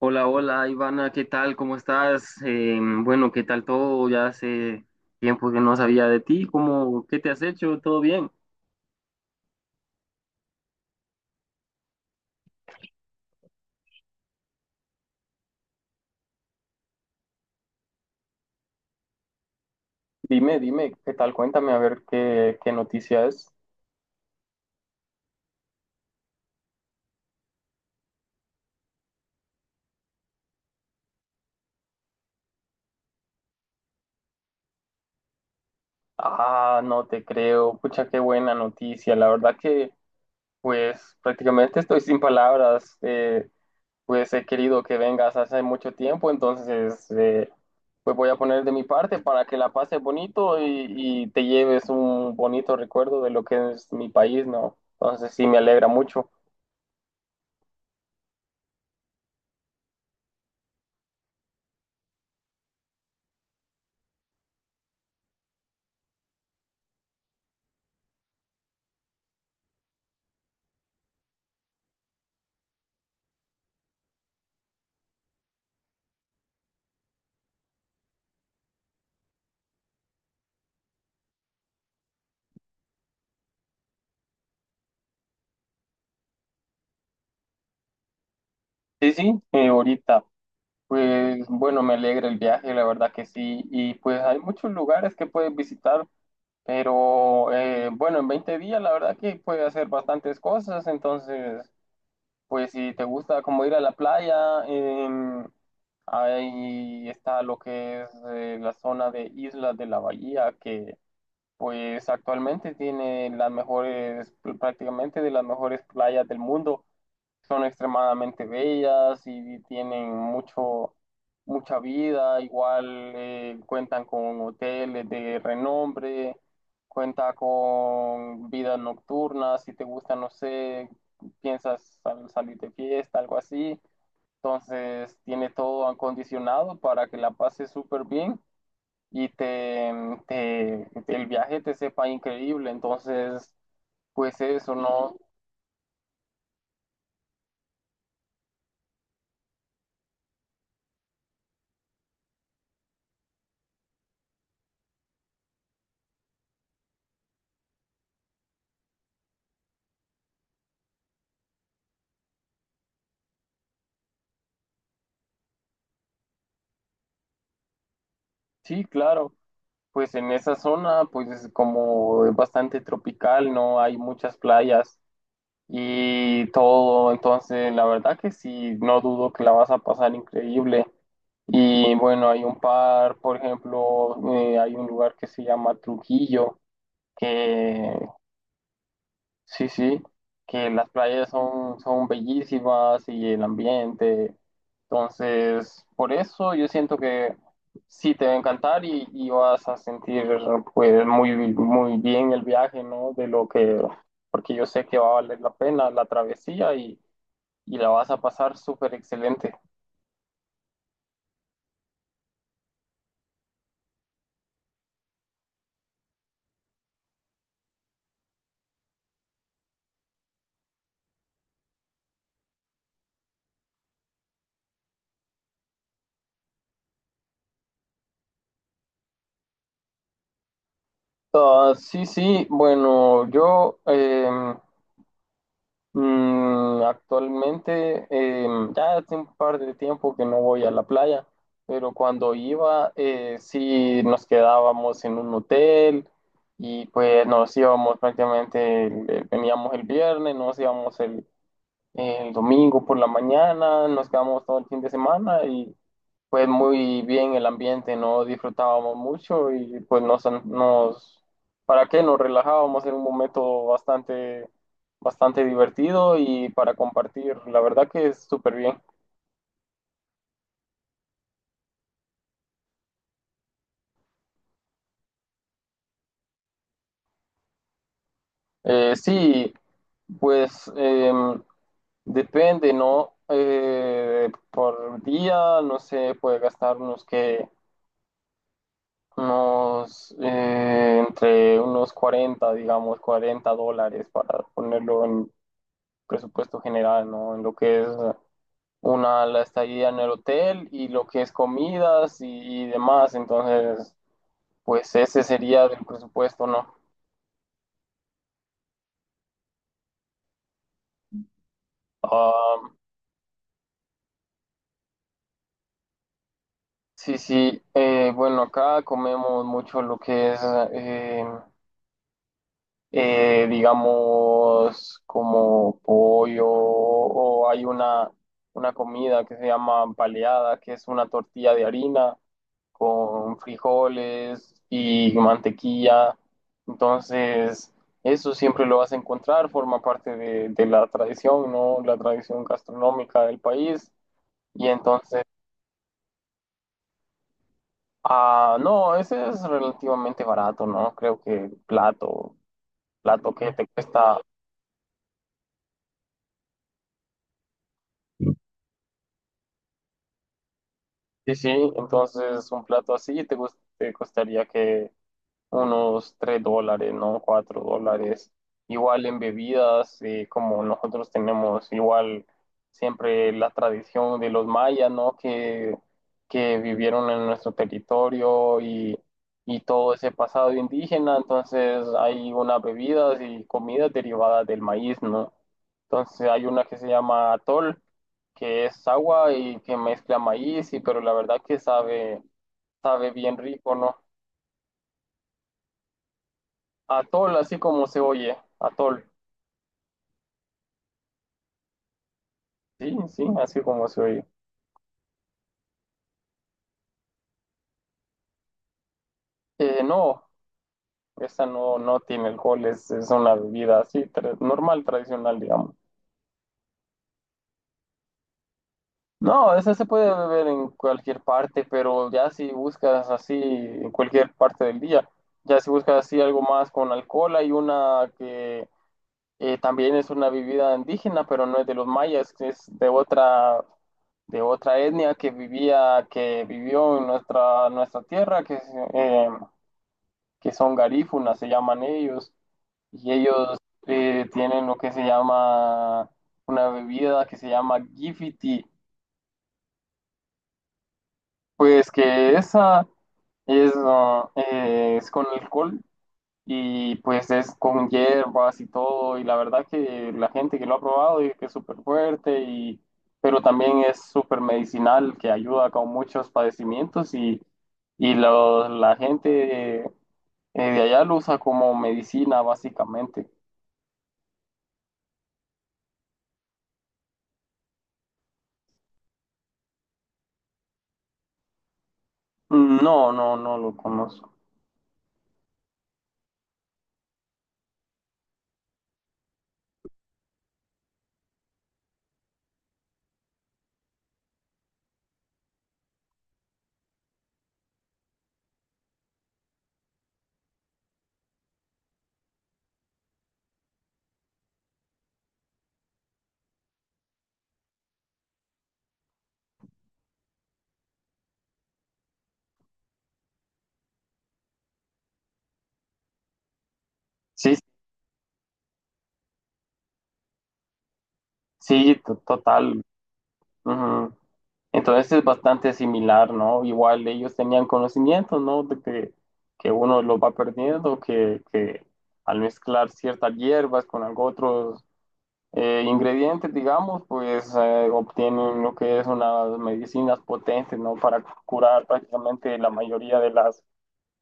Hola, hola, Ivana, ¿qué tal? ¿Cómo estás? Bueno, ¿qué tal todo? Ya hace tiempo que no sabía de ti. ¿Cómo, qué te has hecho? ¿Todo bien? Dime, dime, ¿qué tal? Cuéntame a ver qué noticia es. Ah, no te creo. Pucha, qué buena noticia. La verdad que, pues, prácticamente estoy sin palabras. Pues he querido que vengas hace mucho tiempo, entonces pues voy a poner de mi parte para que la pases bonito y te lleves un bonito recuerdo de lo que es mi país, ¿no? Entonces sí, me alegra mucho. Sí, sí, ahorita, pues bueno, me alegra el viaje, la verdad que sí, y pues hay muchos lugares que puedes visitar, pero bueno, en 20 días la verdad que puedes hacer bastantes cosas, entonces... Pues si te gusta como ir a la playa, ahí está lo que es la zona de Islas de la Bahía, que pues actualmente tiene las mejores, prácticamente de las mejores playas del mundo son extremadamente bellas y tienen mucha vida, igual cuentan con hoteles de renombre, cuenta con vidas nocturnas, si te gusta, no sé, piensas salir de fiesta, algo así, entonces tiene todo acondicionado para que la pases súper bien y el viaje te sepa increíble, entonces... Pues eso, ¿no? Sí, claro. Pues en esa zona, pues es como es bastante tropical, no hay muchas playas y todo. Entonces, la verdad que sí, no dudo que la vas a pasar increíble. Y bueno, hay un par, por ejemplo, hay un lugar que se llama Trujillo, que sí, sí, que las playas son bellísimas y el ambiente. Entonces, por eso yo siento que sí te va a encantar y vas a sentir pues muy, muy bien el viaje, ¿no? De lo que, porque yo sé que va a valer la pena la travesía y la vas a pasar súper excelente. Ah, sí, sí, bueno, yo actualmente, ya hace un par de tiempo que no voy a la playa, pero cuando iba, sí nos quedábamos en un hotel y pues nos íbamos prácticamente, veníamos el viernes, nos íbamos el domingo por la mañana, nos quedamos todo el fin de semana fue muy bien el ambiente, no disfrutábamos mucho y pues ¿para qué? Nos relajábamos en un momento bastante, bastante divertido y para compartir, la verdad que es súper bien. Sí, pues depende, ¿no? Por día, no sé, puede gastar unos, entre unos 40 digamos, $40 para ponerlo en presupuesto general, ¿no? En lo que es la estadía en el hotel y lo que es comidas y demás. Entonces, pues ese sería del presupuesto, ¿no? Ah, sí, sí. Bueno, acá comemos mucho lo que es eh, digamos, como pollo, o hay una comida que se llama paleada, que es una tortilla de harina con frijoles y mantequilla. Entonces, eso siempre lo vas a encontrar, forma parte de la tradición, ¿no? La tradición gastronómica del país. Y entonces, ah, no, ese es relativamente barato, ¿no? Creo que plato que te cuesta sí, sí, entonces un plato así te costaría que unos $3, ¿no? $4. Igual en bebidas, como nosotros tenemos igual siempre la tradición de los mayas, ¿no? Que vivieron en nuestro territorio y todo ese pasado indígena, entonces hay unas bebidas y comidas derivadas del maíz, ¿no? Entonces hay una que se llama atol, que es agua y que mezcla maíz, pero la verdad que sabe bien rico, ¿no? Atol, así como se oye. Atol. Sí, sí, así como se oye. No, esa no, no tiene alcohol, es una bebida así, normal, tradicional, digamos. No, esa se puede beber en cualquier parte, pero ya si buscas así en cualquier parte del día, ya si buscas así algo más con alcohol, hay una que también es una bebida indígena, pero no es de los mayas, que es de otra etnia que vivió en nuestra tierra, que es, eh, que son garífunas, se llaman ellos, y ellos tienen lo que se llama una bebida que se llama Gifiti, pues que esa es con alcohol y pues es con hierbas y todo, y la verdad que la gente que lo ha probado dice que es súper fuerte, pero también es súper medicinal, que ayuda con muchos padecimientos la gente de allá lo usa como medicina básicamente. Mm. No, no, no lo conozco. Sí, sí, total. Ujú. Entonces es bastante similar, ¿no? Igual ellos tenían conocimientos, ¿no? Que uno lo va perdiendo, que al mezclar ciertas hierbas con algo otros ingredientes, digamos, pues obtienen lo que es unas medicinas potentes, ¿no? Para curar prácticamente la mayoría de las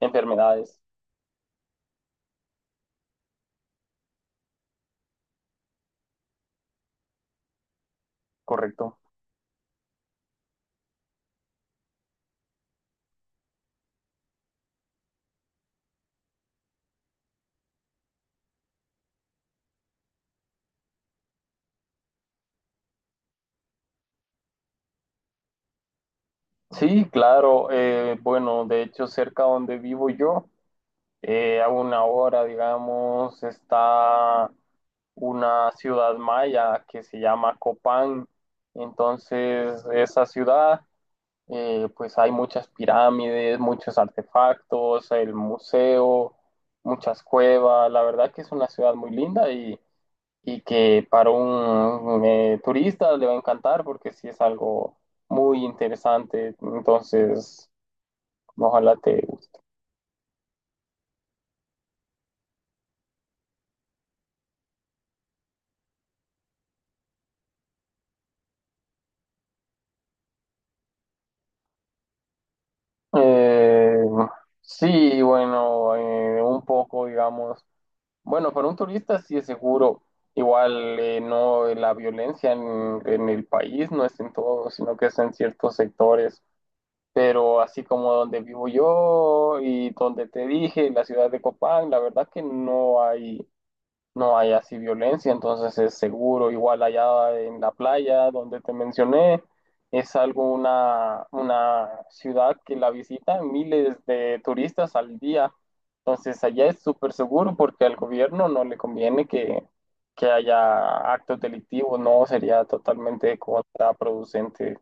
enfermedades, ¿correcto? Sí, claro. Bueno, de hecho, cerca donde vivo yo. A una hora, digamos, está una ciudad maya que se llama Copán. Entonces, esa ciudad, pues hay muchas pirámides, muchos artefactos, el museo, muchas cuevas. La verdad que es una ciudad muy linda y que para un turista le va a encantar porque sí es algo muy interesante. Entonces, ojalá te guste. Eh, sí, bueno, un poco, digamos. Bueno, para un turista sí es seguro. Igual no la violencia en el país no es en todo, sino que es en ciertos sectores. Pero así como donde vivo yo y donde te dije, la ciudad de Copán, la verdad que no hay así violencia, entonces es seguro. Igual allá en la playa donde te mencioné, es algo una ciudad que la visitan miles de turistas al día. Entonces allá es súper seguro porque al gobierno no le conviene que, haya actos delictivos, no sería totalmente contraproducente.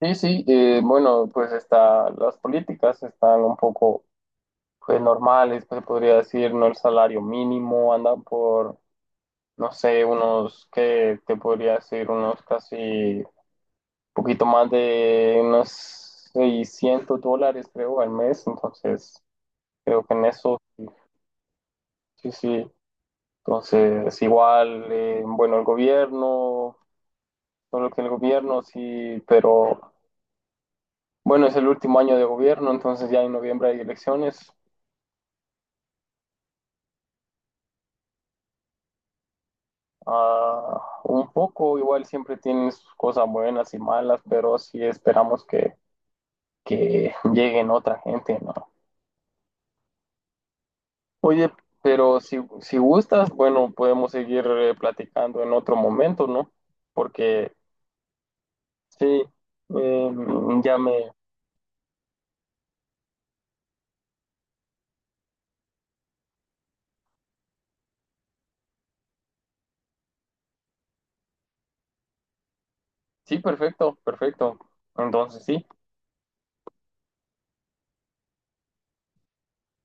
Sí, sí, bueno, pues las políticas están un poco pues normales, pues se podría decir, no el salario mínimo, andan por no sé, unos, ¿que te podría decir? Unos casi, poquito más de unos $600, creo, al mes. Entonces, creo que en eso, sí, sí, sí. Entonces, igual, bueno, solo que el gobierno, sí, pero bueno, es el último año de gobierno, entonces ya en noviembre hay elecciones. Ah, un poco, igual siempre tienen sus cosas buenas y malas, pero sí esperamos que, lleguen otra gente, ¿no? Oye, pero si gustas, bueno, podemos seguir platicando en otro momento, ¿no? Porque sí, eh, ya me... Sí, perfecto, perfecto. Entonces sí.